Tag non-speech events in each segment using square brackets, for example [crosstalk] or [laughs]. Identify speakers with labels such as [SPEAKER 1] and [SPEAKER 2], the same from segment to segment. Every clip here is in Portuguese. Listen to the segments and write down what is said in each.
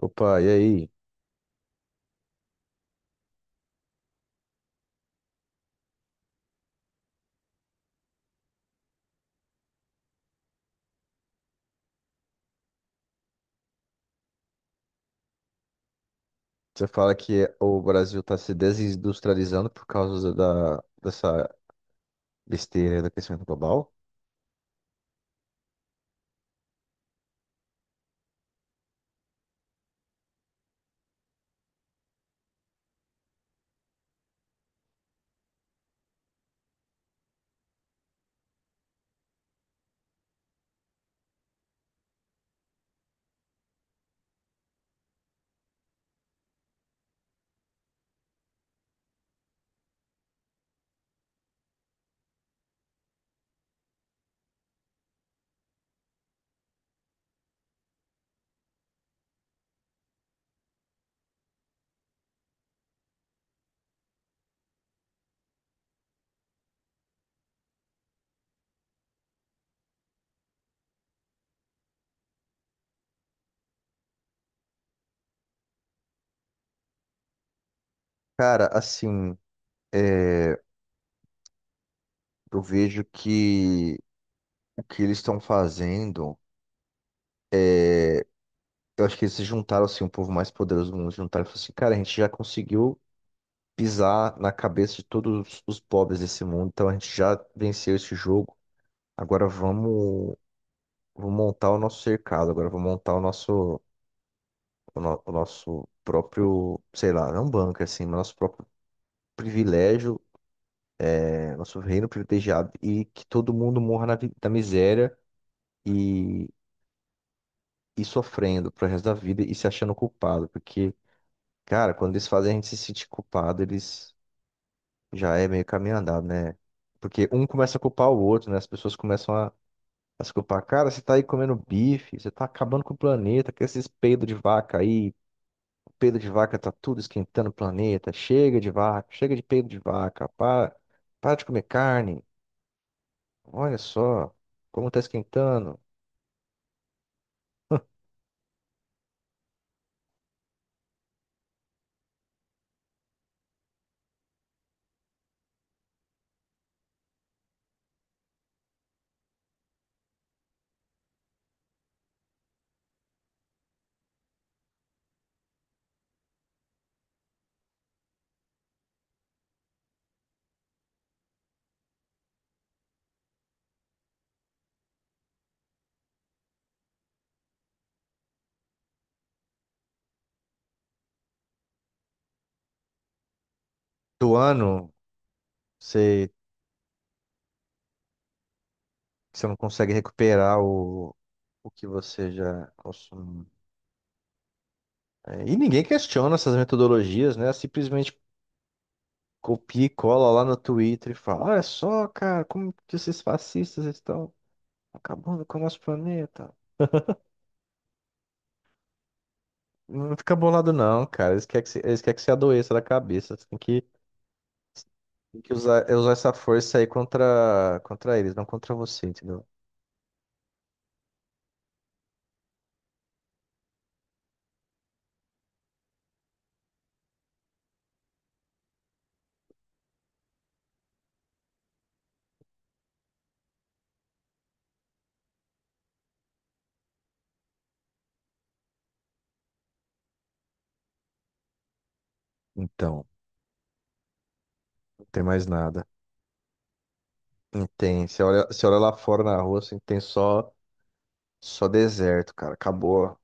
[SPEAKER 1] Opa, e aí? Você fala que o Brasil está se desindustrializando por causa dessa besteira do crescimento global? Cara, assim, é, eu vejo que o que eles estão fazendo, eu acho que eles se juntaram, assim, o povo mais poderoso do mundo se juntaram e falaram assim, cara, a gente já conseguiu pisar na cabeça de todos os pobres desse mundo, então a gente já venceu esse jogo, agora vamos, vamos montar o nosso cercado, agora vamos montar o nosso próprio, sei lá, não bunker, assim, mas nosso próprio privilégio, é, nosso reino privilegiado e que todo mundo morra na miséria e, e sofrendo pro resto da vida e se achando culpado, porque, cara, quando eles fazem a gente se sentir culpado, eles já é meio caminho andado, né? Porque um começa a culpar o outro, né? As pessoas começam a se culpar. Cara, você tá aí comendo bife, você tá acabando com o planeta, com esses peidos de vaca aí. Peido de vaca tá tudo esquentando o planeta. Chega de vaca, chega de peido de vaca. Para de comer carne. Olha só como tá esquentando. Do ano, você, você não consegue recuperar o que você já consumiu. É, e ninguém questiona essas metodologias, né? Simplesmente copia e cola lá no Twitter e fala: Olha só, cara, como que esses fascistas estão acabando com o nosso planeta. Não fica bolado, não, cara. Eles querem que você, eles querem que você adoeça da cabeça. Você tem que. Tem que usar, é usar essa força aí contra eles, não contra você, entendeu? Então, não tem mais nada. Não tem. Você olha lá fora na rua, assim, tem só, só deserto, cara. Acabou.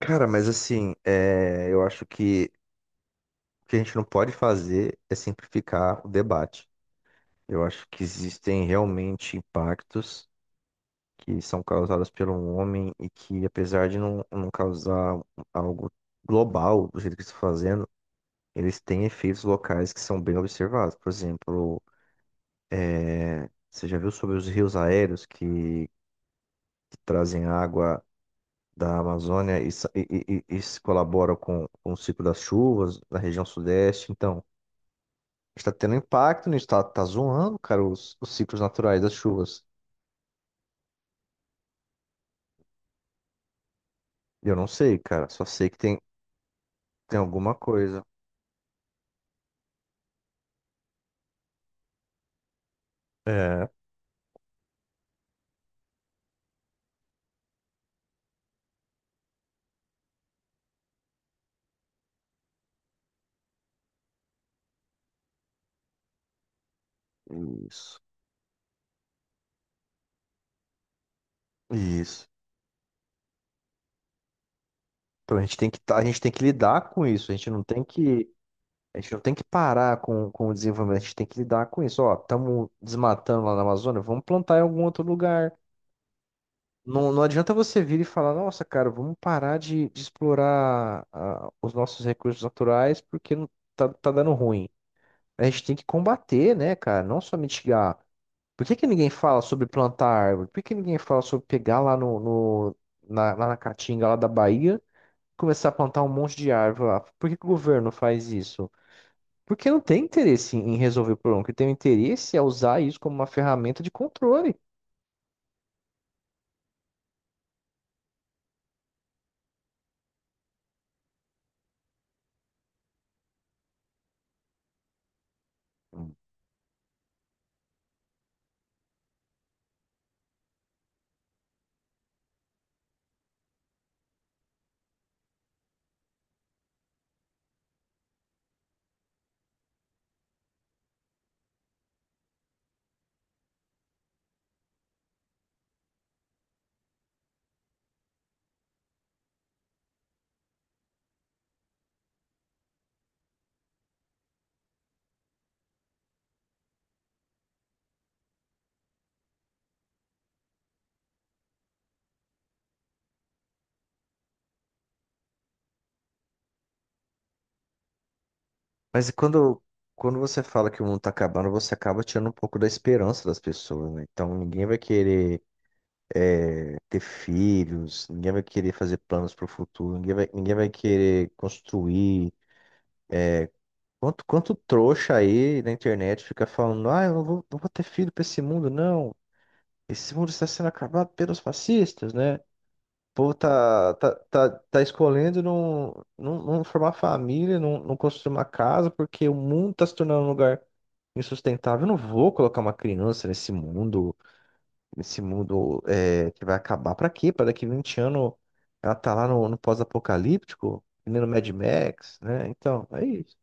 [SPEAKER 1] Cara, mas assim, eu acho que o que a gente não pode fazer é simplificar o debate. Eu acho que existem realmente impactos que são causados pelo homem e que, apesar de não causar algo global do jeito que está fazendo. Eles têm efeitos locais que são bem observados. Por exemplo, você já viu sobre os rios aéreos que trazem água da Amazônia e se colaboram com o ciclo das chuvas na região sudeste? Então, está tendo impacto nisso, está tá tá zoando, cara, os ciclos naturais das chuvas. Eu não sei, cara, só sei que tem, tem alguma coisa. É, isso, isso. Então a gente tem a gente tem que lidar com isso, a gente não tem que. A gente não tem que parar com o desenvolvimento, a gente tem que lidar com isso. Ó, estamos desmatando lá na Amazônia, vamos plantar em algum outro lugar. Não, não adianta você vir e falar, nossa, cara, vamos parar de explorar ah, os nossos recursos naturais porque tá, tá dando ruim. A gente tem que combater, né, cara? Não só mitigar. Por que que ninguém fala sobre plantar árvore? Por que que ninguém fala sobre pegar lá no, no- na, lá na Caatinga, lá da Bahia, e começar a plantar um monte de árvore lá? Por que que o governo faz isso? Porque não tem interesse em resolver o problema. O que tem interesse é usar isso como uma ferramenta de controle. Mas quando você fala que o mundo tá acabando, você acaba tirando um pouco da esperança das pessoas, né? Então ninguém vai querer ter filhos, ninguém vai querer fazer planos para o futuro, ninguém vai querer construir. Quanto trouxa aí na internet fica falando, ah, eu não vou, não vou ter filho para esse mundo, não. Esse mundo está sendo acabado pelos fascistas, né? Povo tá escolhendo não formar família, não construir uma casa, porque o mundo tá se tornando um lugar insustentável. Eu não vou colocar uma criança nesse mundo que vai acabar. Pra quê? Pra daqui 20 anos ela tá lá no pós-apocalíptico, que nem no Mad Max, né? Então, é isso.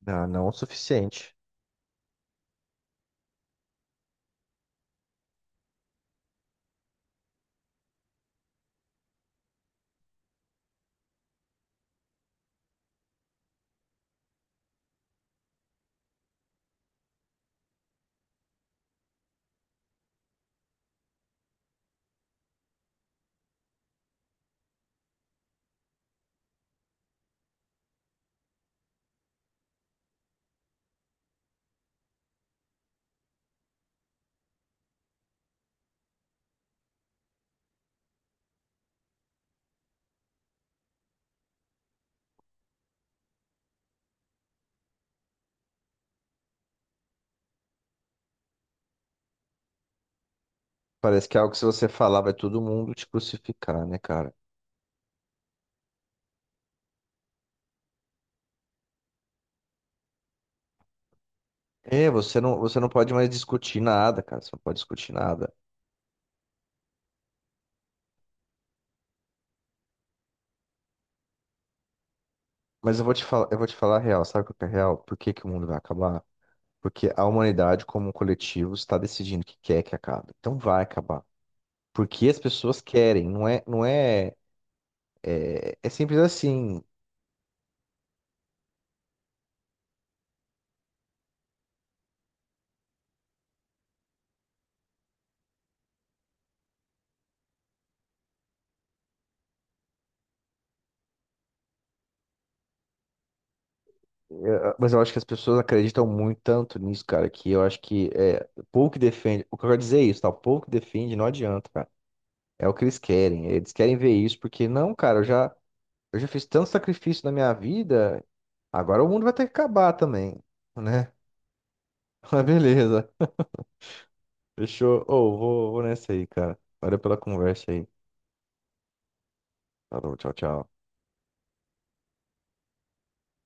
[SPEAKER 1] Não, não é o suficiente. Parece que é algo que se você falar vai todo mundo te crucificar, né, cara? É, você não pode mais discutir nada, cara. Você não pode discutir nada. Mas eu vou te falar a real. Sabe o que é real? Por que que o mundo vai acabar? Porque a humanidade, como um coletivo, está decidindo que quer que acabe. Então vai acabar. Porque as pessoas querem, não é, não é, é, é simples assim. Ah, mas eu acho que as pessoas acreditam muito tanto nisso, cara, que eu acho que pouco que defende. O que eu quero dizer é isso, tá? O pouco que defende não adianta, cara. É o que eles querem. Eles querem ver isso, porque não, cara, eu já fiz tanto sacrifício na minha vida, agora o mundo vai ter que acabar também, né? [laughs] Mas beleza. Fechou. Ô, vou nessa aí, cara. Valeu pela conversa aí. Falou, tchau, tchau.